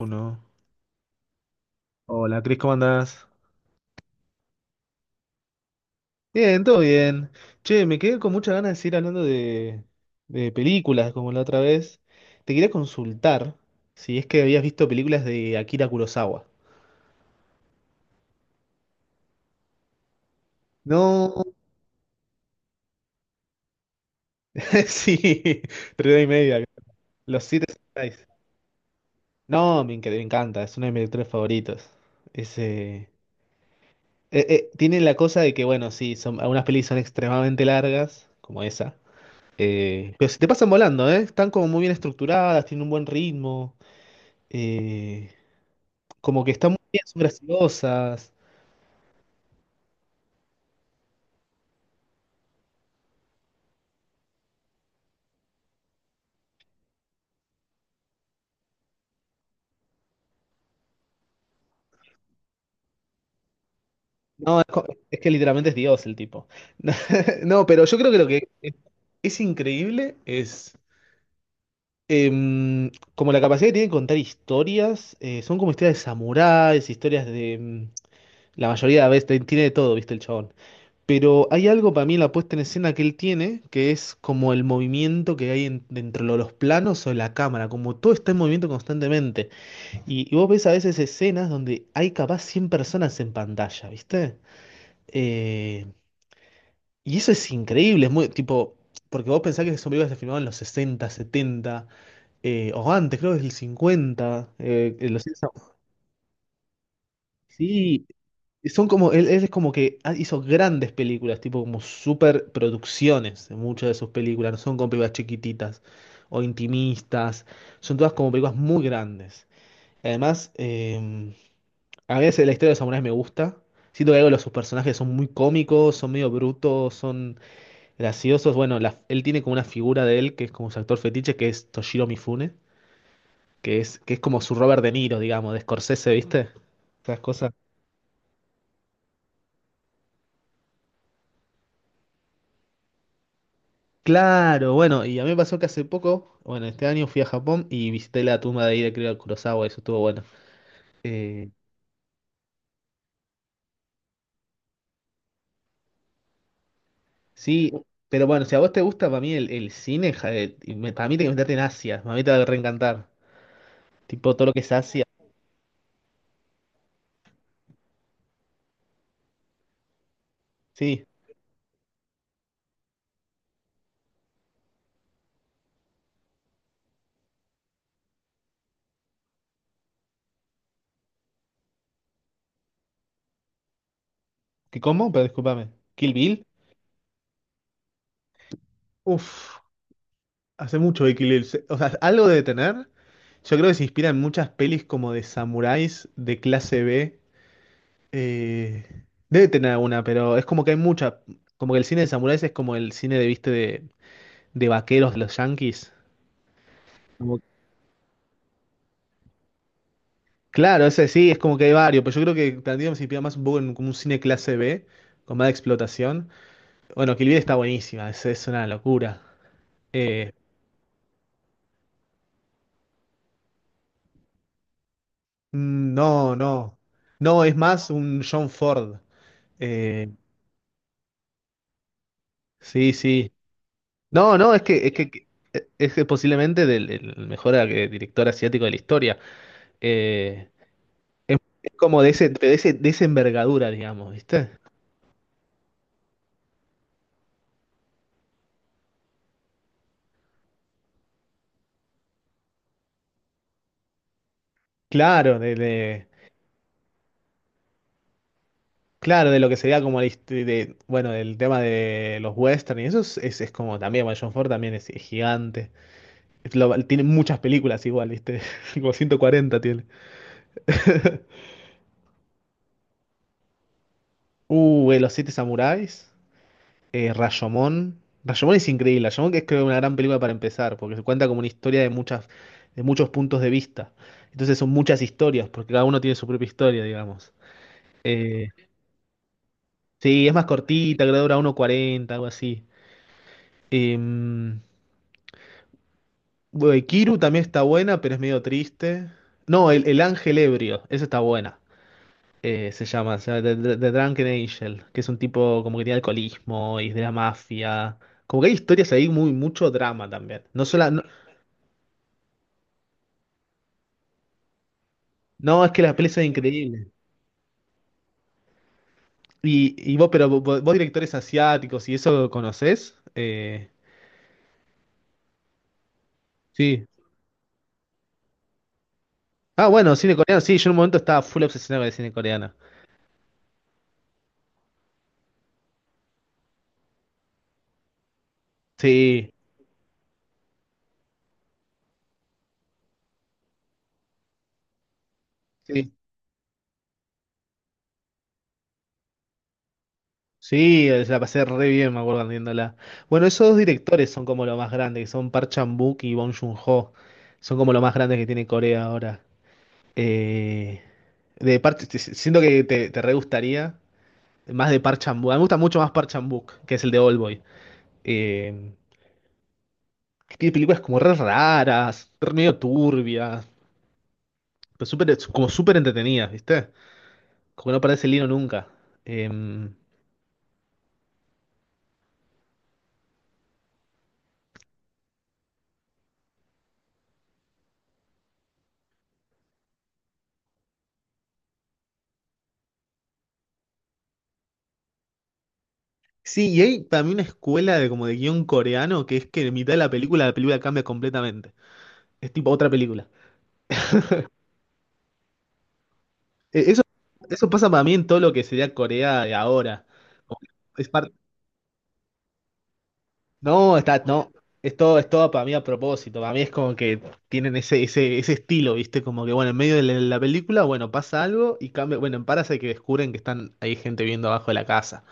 Uno. Hola, Cris, ¿cómo andás? Bien, todo bien. Che, me quedé con muchas ganas de seguir hablando de películas como la otra vez. Te quería consultar si es que habías visto películas de Akira Kurosawa. No, sí, tres y media. Los siete samuráis. No, me encanta, es uno de mis tres favoritos. Es, eh, Tiene la cosa de que, bueno, sí, algunas pelis son extremadamente largas, como esa. Pero se te pasan volando, ¿eh? Están como muy bien estructuradas, tienen un buen ritmo. eh, Como que están muy bien, son graciosas. No, es que literalmente es Dios el tipo. No, pero yo creo que lo que es increíble es como la capacidad que tienen de contar historias. Son como historias de samuráis, historias de. La mayoría de veces tiene de todo, ¿viste el chabón? Pero hay algo para mí en la puesta en escena que él tiene, que es como el movimiento que hay dentro de los planos o de la cámara, como todo está en movimiento constantemente. Y vos ves a veces escenas donde hay capaz 100 personas en pantalla, ¿viste? Eh, y eso es increíble, es muy tipo, porque vos pensás que ese películas se filmaban en los 60 70 o antes, creo que es el 50 en los... Sí, y son como, él es como que hizo grandes películas, tipo como super producciones en muchas de sus películas, no son como películas chiquititas o intimistas, son todas como películas muy grandes. Además, a veces la historia de los samuráis me gusta, siento que algo de sus personajes son muy cómicos, son medio brutos, son graciosos. Bueno, él tiene como una figura de él que es como su actor fetiche, que es Toshiro Mifune, que es como su Robert De Niro, digamos, de Scorsese, ¿viste? Esas cosas. Claro, bueno, y a mí me pasó que hace poco, bueno, este año fui a Japón y visité la tumba de Ida, creo, Kurosawa, eso estuvo bueno. Eh, sí, pero bueno, si a vos te gusta, para mí el cine, ja, para mí tenés que meterte en Asia, para mí te va a reencantar. Tipo todo lo que es Asia. Sí, ¿qué cómo? Pero discúlpame. ¿Kill Bill? Uf, hace mucho de Kill Bill. O sea, algo de tener. Yo creo que se inspira en muchas pelis como de samuráis de clase B. Eh, Debe tener alguna, pero es como que hay mucha. Como que el cine de samuráis es como el cine de, viste, de vaqueros de los yankees. Claro, ese sí, es como que hay varios, pero yo creo que Tarantino se inspira más un poco en como un cine clase B, con más explotación. Bueno, Kill Bill está buenísima, es una locura. Eh, mm, no, no. No, es más un John Ford. Eh, sí, sí. No, no, es que posiblemente del, el mejor director asiático de la historia. Eh, es como de esa envergadura, digamos, ¿viste? Claro, claro, de lo que sería como de, bueno, del tema de los western y eso es, como también, bueno, John Ford también es gigante. Es tiene muchas películas igual, ¿viste? Como 140 tiene. Los Siete Samuráis, Rashomon. Rashomon es increíble. Rashomon es creo una gran película para empezar, porque se cuenta como una historia de muchas, de muchos puntos de vista. Entonces son muchas historias, porque cada uno tiene su propia historia, digamos. Eh, Sí, es más cortita, creo que dura 1.40, algo así. Eh, bueno, Kiru también está buena, pero es medio triste. No, el Ángel Ebrio, esa está buena. Se llama, The Drunken Angel, que es un tipo como que tiene alcoholismo y es de la mafia. Como que hay historias ahí, muy, mucho drama también. No, sola, no, no, es que las pelis son increíbles. ¿Y vos directores asiáticos y eso conocés? Sí. Ah, bueno, cine coreano, sí, yo en un momento estaba full obsesionado con el cine coreano. Sí. Sí. Sí, se la pasé re bien, me acuerdo viéndola. Bueno, esos dos directores son como lo más grande, que son Park Chan-wook y Bong Joon-ho. Son como lo más grande que tiene Corea ahora. Eh, de siento que te re gustaría más de Park Chan-wook. A mí me gusta mucho más Park Chan-wook, que es el de Oldboy. Eh, que tiene películas como re raras, re medio turbias, pero como súper entretenidas, ¿viste? Como que no parece el hilo nunca. Em, Sí, y hay también una escuela de como de guión coreano que es que en mitad de la película cambia completamente. Es tipo otra película. Eh, Eso, eso pasa para mí en todo lo que sería Corea de ahora. Como que es par- No, está, no. Es todo para mí a propósito. Para mí es como que tienen ese estilo, ¿viste? Como que, bueno, en medio de la película, bueno, pasa algo y cambia. Bueno, en Parasite que descubren que están, hay gente viendo abajo de la casa.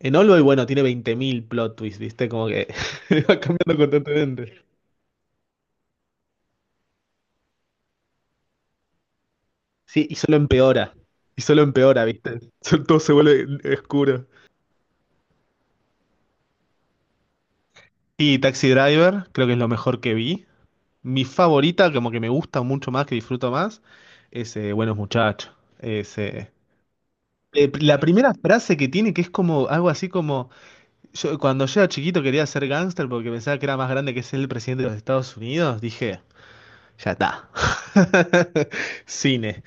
En All Boy, bueno, tiene 20.000 plot twists, ¿viste? Como que va cambiando constantemente. Sí, y solo empeora. Y solo empeora, ¿viste? Todo se vuelve oscuro. Y Taxi Driver, creo que es lo mejor que vi. Mi favorita, como que me gusta mucho más, que disfruto más, es Buenos Muchachos. Es, eh, la primera frase que tiene, que es como algo así como, cuando yo era chiquito quería ser gángster porque pensaba que era más grande que ser el presidente de los Estados Unidos, dije, ya está. Cine.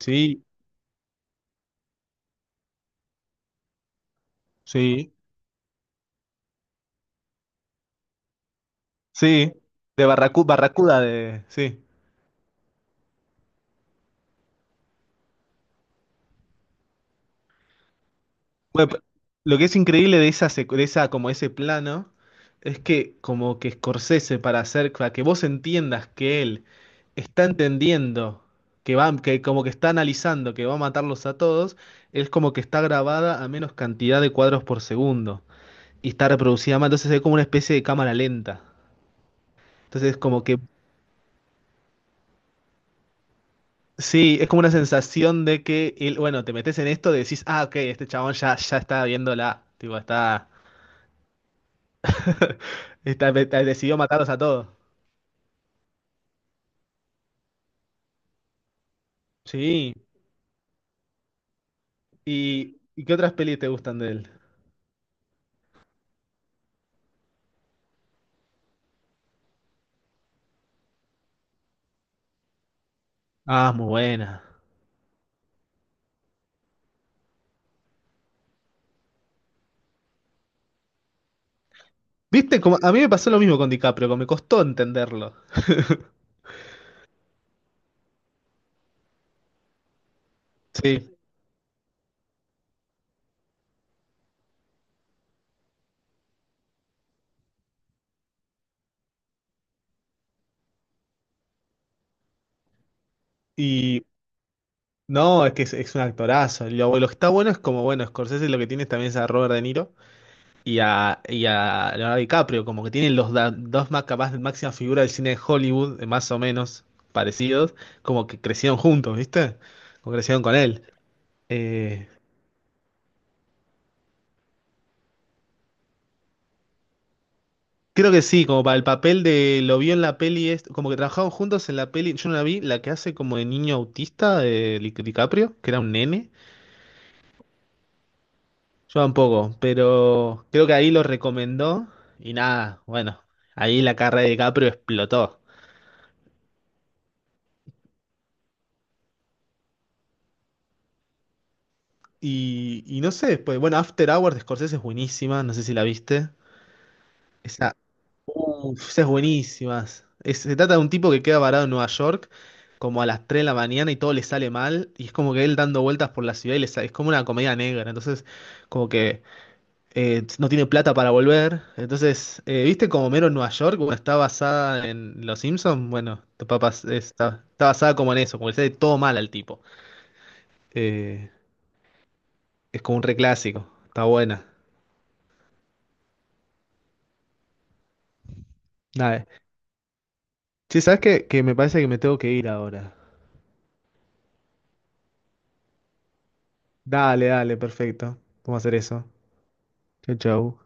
Sí, sí, sí. De Barracuda, de... Sí. Bueno, lo que es increíble de de esa como ese plano es que como que Scorsese para que vos entiendas que él está entendiendo que como que está analizando que va a matarlos a todos, es como que está grabada a menos cantidad de cuadros por segundo y está reproducida más, entonces es como una especie de cámara lenta. Entonces es como que sí, es como una sensación de que él, bueno, te metes en esto, decís, "Ah, ok, este chabón ya está viéndola, tipo está decidió matarlos a todos." Sí. ¿Y qué otras pelis te gustan de él? Ah, muy buena. ¿Viste? Como, a mí me pasó lo mismo con DiCaprio, como me costó entenderlo. Sí. Y no, es que es un actorazo. Y lo que está bueno es como, bueno, Scorsese lo que tiene también es a Robert De Niro y a, Leonardo DiCaprio, como que tienen los dos más capaz, máximas figuras del cine de Hollywood, más o menos parecidos, como que crecieron juntos, ¿viste? Como crecieron con él. Eh, Creo que sí, como para el papel de lo vio en la peli, como que trabajaban juntos en la peli, yo no la vi, la que hace como de niño autista de DiCaprio, que era un nene, yo tampoco, pero creo que ahí lo recomendó y nada, bueno, ahí la carrera de DiCaprio explotó. Y no sé, pues bueno, After Hours de Scorsese es buenísima, no sé si la viste. Uf, esas buenísimas. Se trata de un tipo que queda varado en Nueva York como a las 3 de la mañana y todo le sale mal y es como que él dando vueltas por la ciudad y le sale, es como una comedia negra, entonces como que no tiene plata para volver. Entonces, ¿viste como Mero en Nueva York? Bueno, está basada en Los Simpsons, bueno, tu papá está basada como en eso, como que le sale todo mal al tipo. Eh, es como un reclásico, está buena. Dale. Sí, ¿sabes qué? Que me parece que me tengo que ir ahora. Dale, dale, perfecto. Vamos a hacer eso. Chao, chao.